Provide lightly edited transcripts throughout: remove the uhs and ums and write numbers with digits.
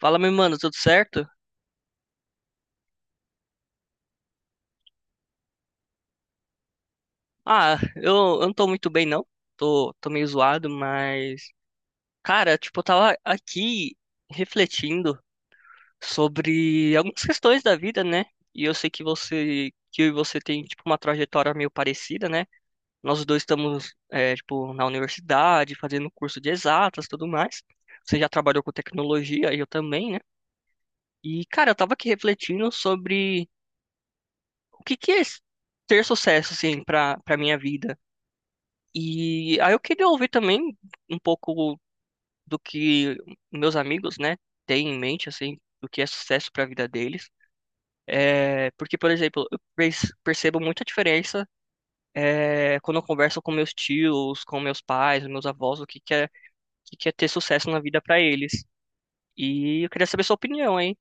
Fala, meu mano, tudo certo? Ah, eu não tô muito bem, não. Tô meio zoado, mas. Cara, tipo, eu tava aqui refletindo sobre algumas questões da vida, né? E eu sei que eu e você tem, tipo, uma trajetória meio parecida, né? Nós dois estamos, tipo, na universidade, fazendo curso de exatas e tudo mais. Você já trabalhou com tecnologia, e eu também, né? E, cara, eu tava aqui refletindo sobre o que que é ter sucesso, assim, pra minha vida. E aí eu queria ouvir também um pouco do que meus amigos, né, têm em mente, assim, do que é sucesso para a vida deles. É, porque, por exemplo, percebo muita diferença, quando eu converso com meus tios, com meus pais, meus avós, o que que é, o que que é ter sucesso na vida para eles. E eu queria saber sua opinião, hein?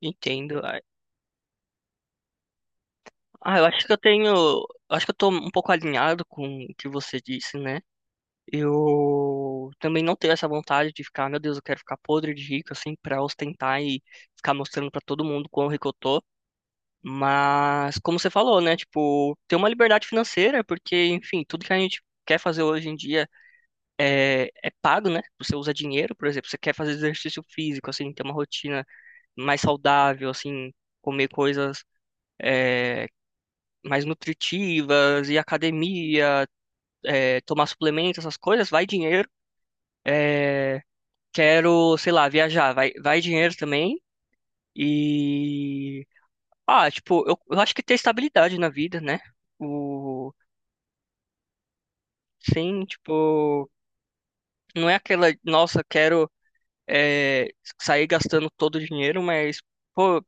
Entendo. Ah, eu acho que eu tenho, acho que eu tô um pouco alinhado com o que você disse, né? Eu também não tenho essa vontade de ficar, meu Deus, eu quero ficar podre de rico, assim, pra ostentar e ficar mostrando pra todo mundo quão rico eu tô. Mas, como você falou, né, tipo, ter uma liberdade financeira, porque, enfim, tudo que a gente quer fazer hoje em dia é pago, né? Você usa dinheiro, por exemplo, você quer fazer exercício físico, assim, ter uma rotina mais saudável, assim, comer coisas eh, mais nutritivas, ir à academia, tomar suplementos, essas coisas, vai dinheiro. Eh, quero, sei lá, viajar, vai dinheiro também e ah, tipo, eu acho que ter estabilidade na vida, né? O sim, tipo, não é aquela, nossa, quero é, sair gastando todo o dinheiro, mas pô,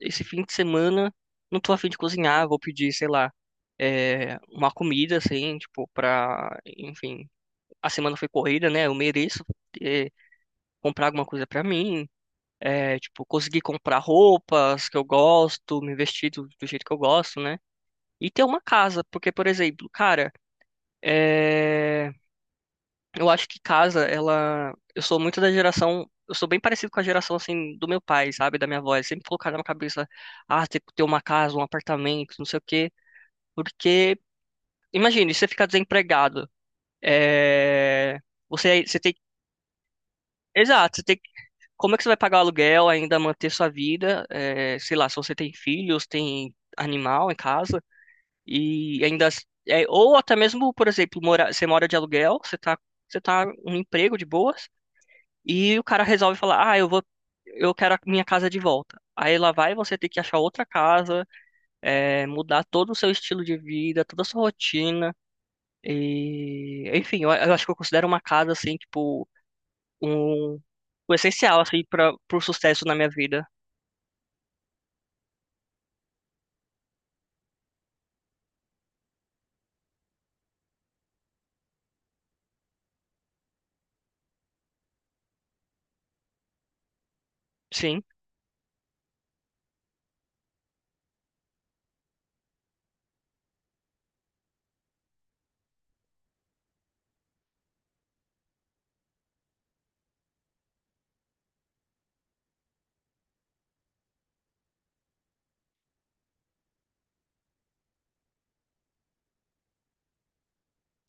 esse fim de semana não tô a fim de cozinhar, vou pedir, sei lá, uma comida assim, tipo, pra, enfim, a semana foi corrida, né? Eu mereço é, comprar alguma coisa pra mim. É, tipo, conseguir comprar roupas que eu gosto, me vestir do jeito que eu gosto, né? E ter uma casa, porque, por exemplo, cara, é, eu acho que casa, ela. Eu sou muito da geração. Eu sou bem parecido com a geração, assim, do meu pai, sabe? Da minha avó. Eles sempre colocaram na cabeça, ah, tem que ter uma casa, um apartamento, não sei o quê. Porque, imagine, você ficar desempregado. É... você tem. Exato, você tem como é que você vai pagar o aluguel, ainda manter sua vida, é, sei lá, se você tem filhos, tem animal em casa, e ainda, é, ou até mesmo, por exemplo, mora, você mora de aluguel, você tá um emprego de boas, e o cara resolve falar, ah, eu vou, eu quero a minha casa de volta. Aí lá vai você ter que achar outra casa, é, mudar todo o seu estilo de vida, toda a sua rotina, e, enfim, eu acho que eu considero uma casa, assim, tipo, um, o essencial, assim, para o sucesso na minha vida. Sim,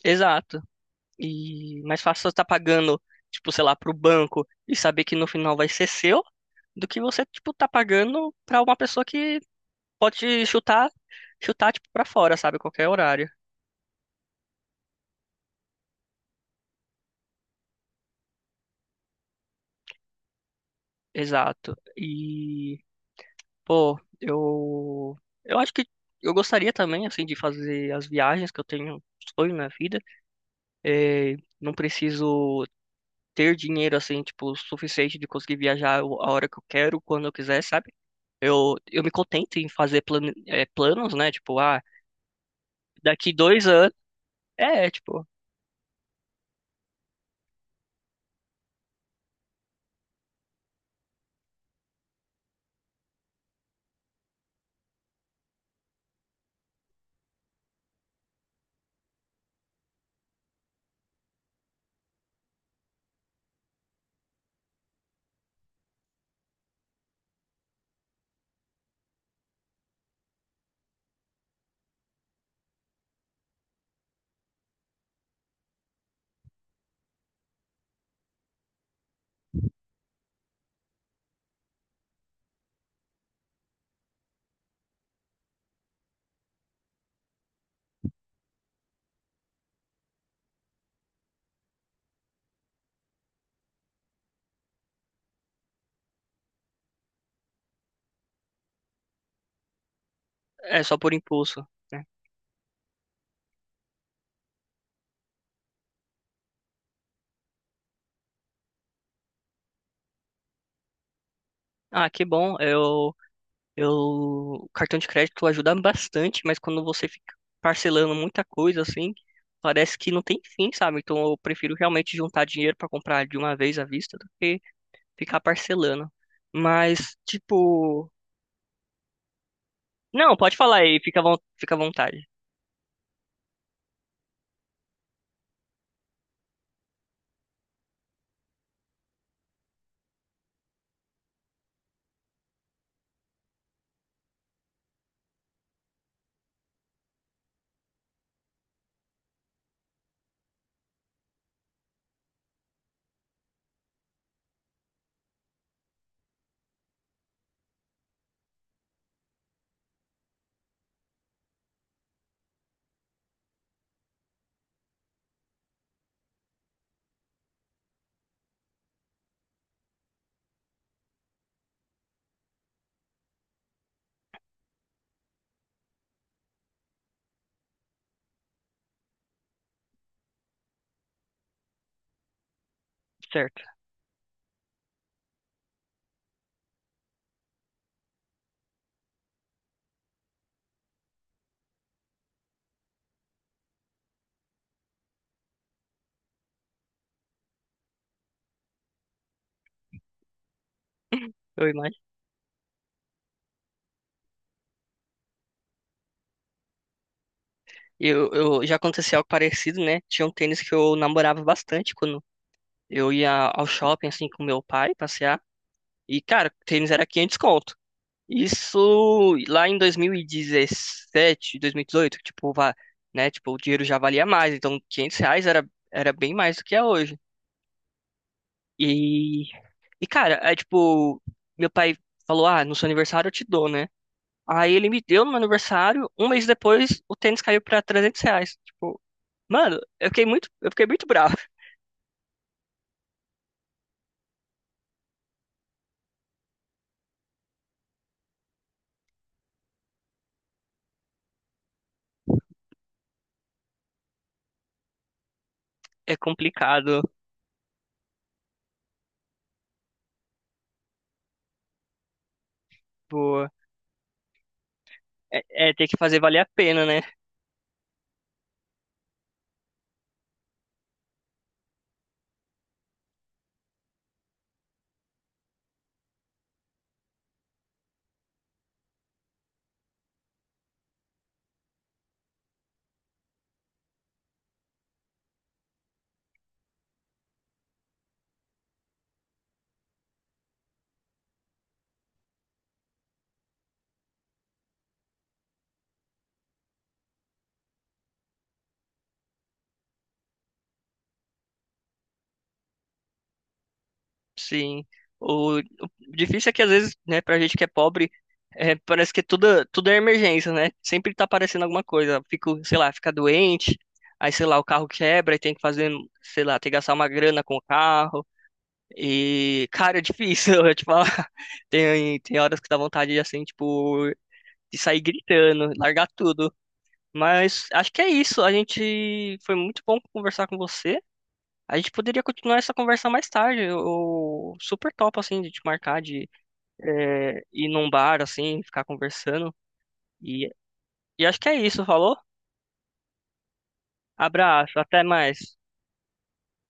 exato. E mais fácil você tá pagando, tipo, sei lá, pro banco e saber que no final vai ser seu, do que você, tipo, tá pagando pra uma pessoa que pode chutar, chutar, tipo, pra fora, sabe? Qualquer horário. Exato. E, pô, eu acho que eu gostaria também, assim, de fazer as viagens que eu tenho sonho na vida. É, não preciso ter dinheiro, assim, tipo, suficiente de conseguir viajar a hora que eu quero, quando eu quiser, sabe? Eu me contento em fazer planos, né? Tipo, ah, daqui 2 anos. Tipo, é só por impulso, né? Ah, que bom. Eu, o cartão de crédito ajuda bastante, mas quando você fica parcelando muita coisa assim, parece que não tem fim, sabe? Então eu prefiro realmente juntar dinheiro para comprar de uma vez à vista do que ficar parcelando. Mas, tipo. Não, pode falar aí, fica, fica à vontade. Certo, eu eu já aconteceu algo parecido, né? Tinha um tênis que eu namorava bastante quando eu ia ao shopping assim com meu pai passear. E cara, o tênis era 500 conto. Isso lá em dois mil e 2017 dois mil e 2018, tipo, va- né? Tipo, o dinheiro já valia mais, então R$ 500 era, era bem mais do que é hoje. E, e cara, é tipo, meu pai falou: "Ah, no seu aniversário eu te dou, né?" Aí ele me deu no meu aniversário, um mês depois o tênis caiu pra R$ 300. Tipo, mano, eu fiquei muito bravo. É complicado, pô. É, é ter que fazer valer a pena, né? Sim. O difícil é que às vezes, né, pra gente que é pobre, é, parece que tudo, tudo é emergência, né? Sempre tá aparecendo alguma coisa. Fico, sei lá, fica doente, aí, sei lá, o carro quebra e tem que fazer, sei lá, tem que gastar uma grana com o carro. E, cara, é difícil, eu te falar. Tem horas que dá vontade de, assim, tipo, de sair gritando, largar tudo. Mas acho que é isso. A gente foi muito bom conversar com você. A gente poderia continuar essa conversa mais tarde. Eu super top assim de te marcar de é, ir num bar assim, ficar conversando. E, e acho que é isso, falou? Abraço, até mais.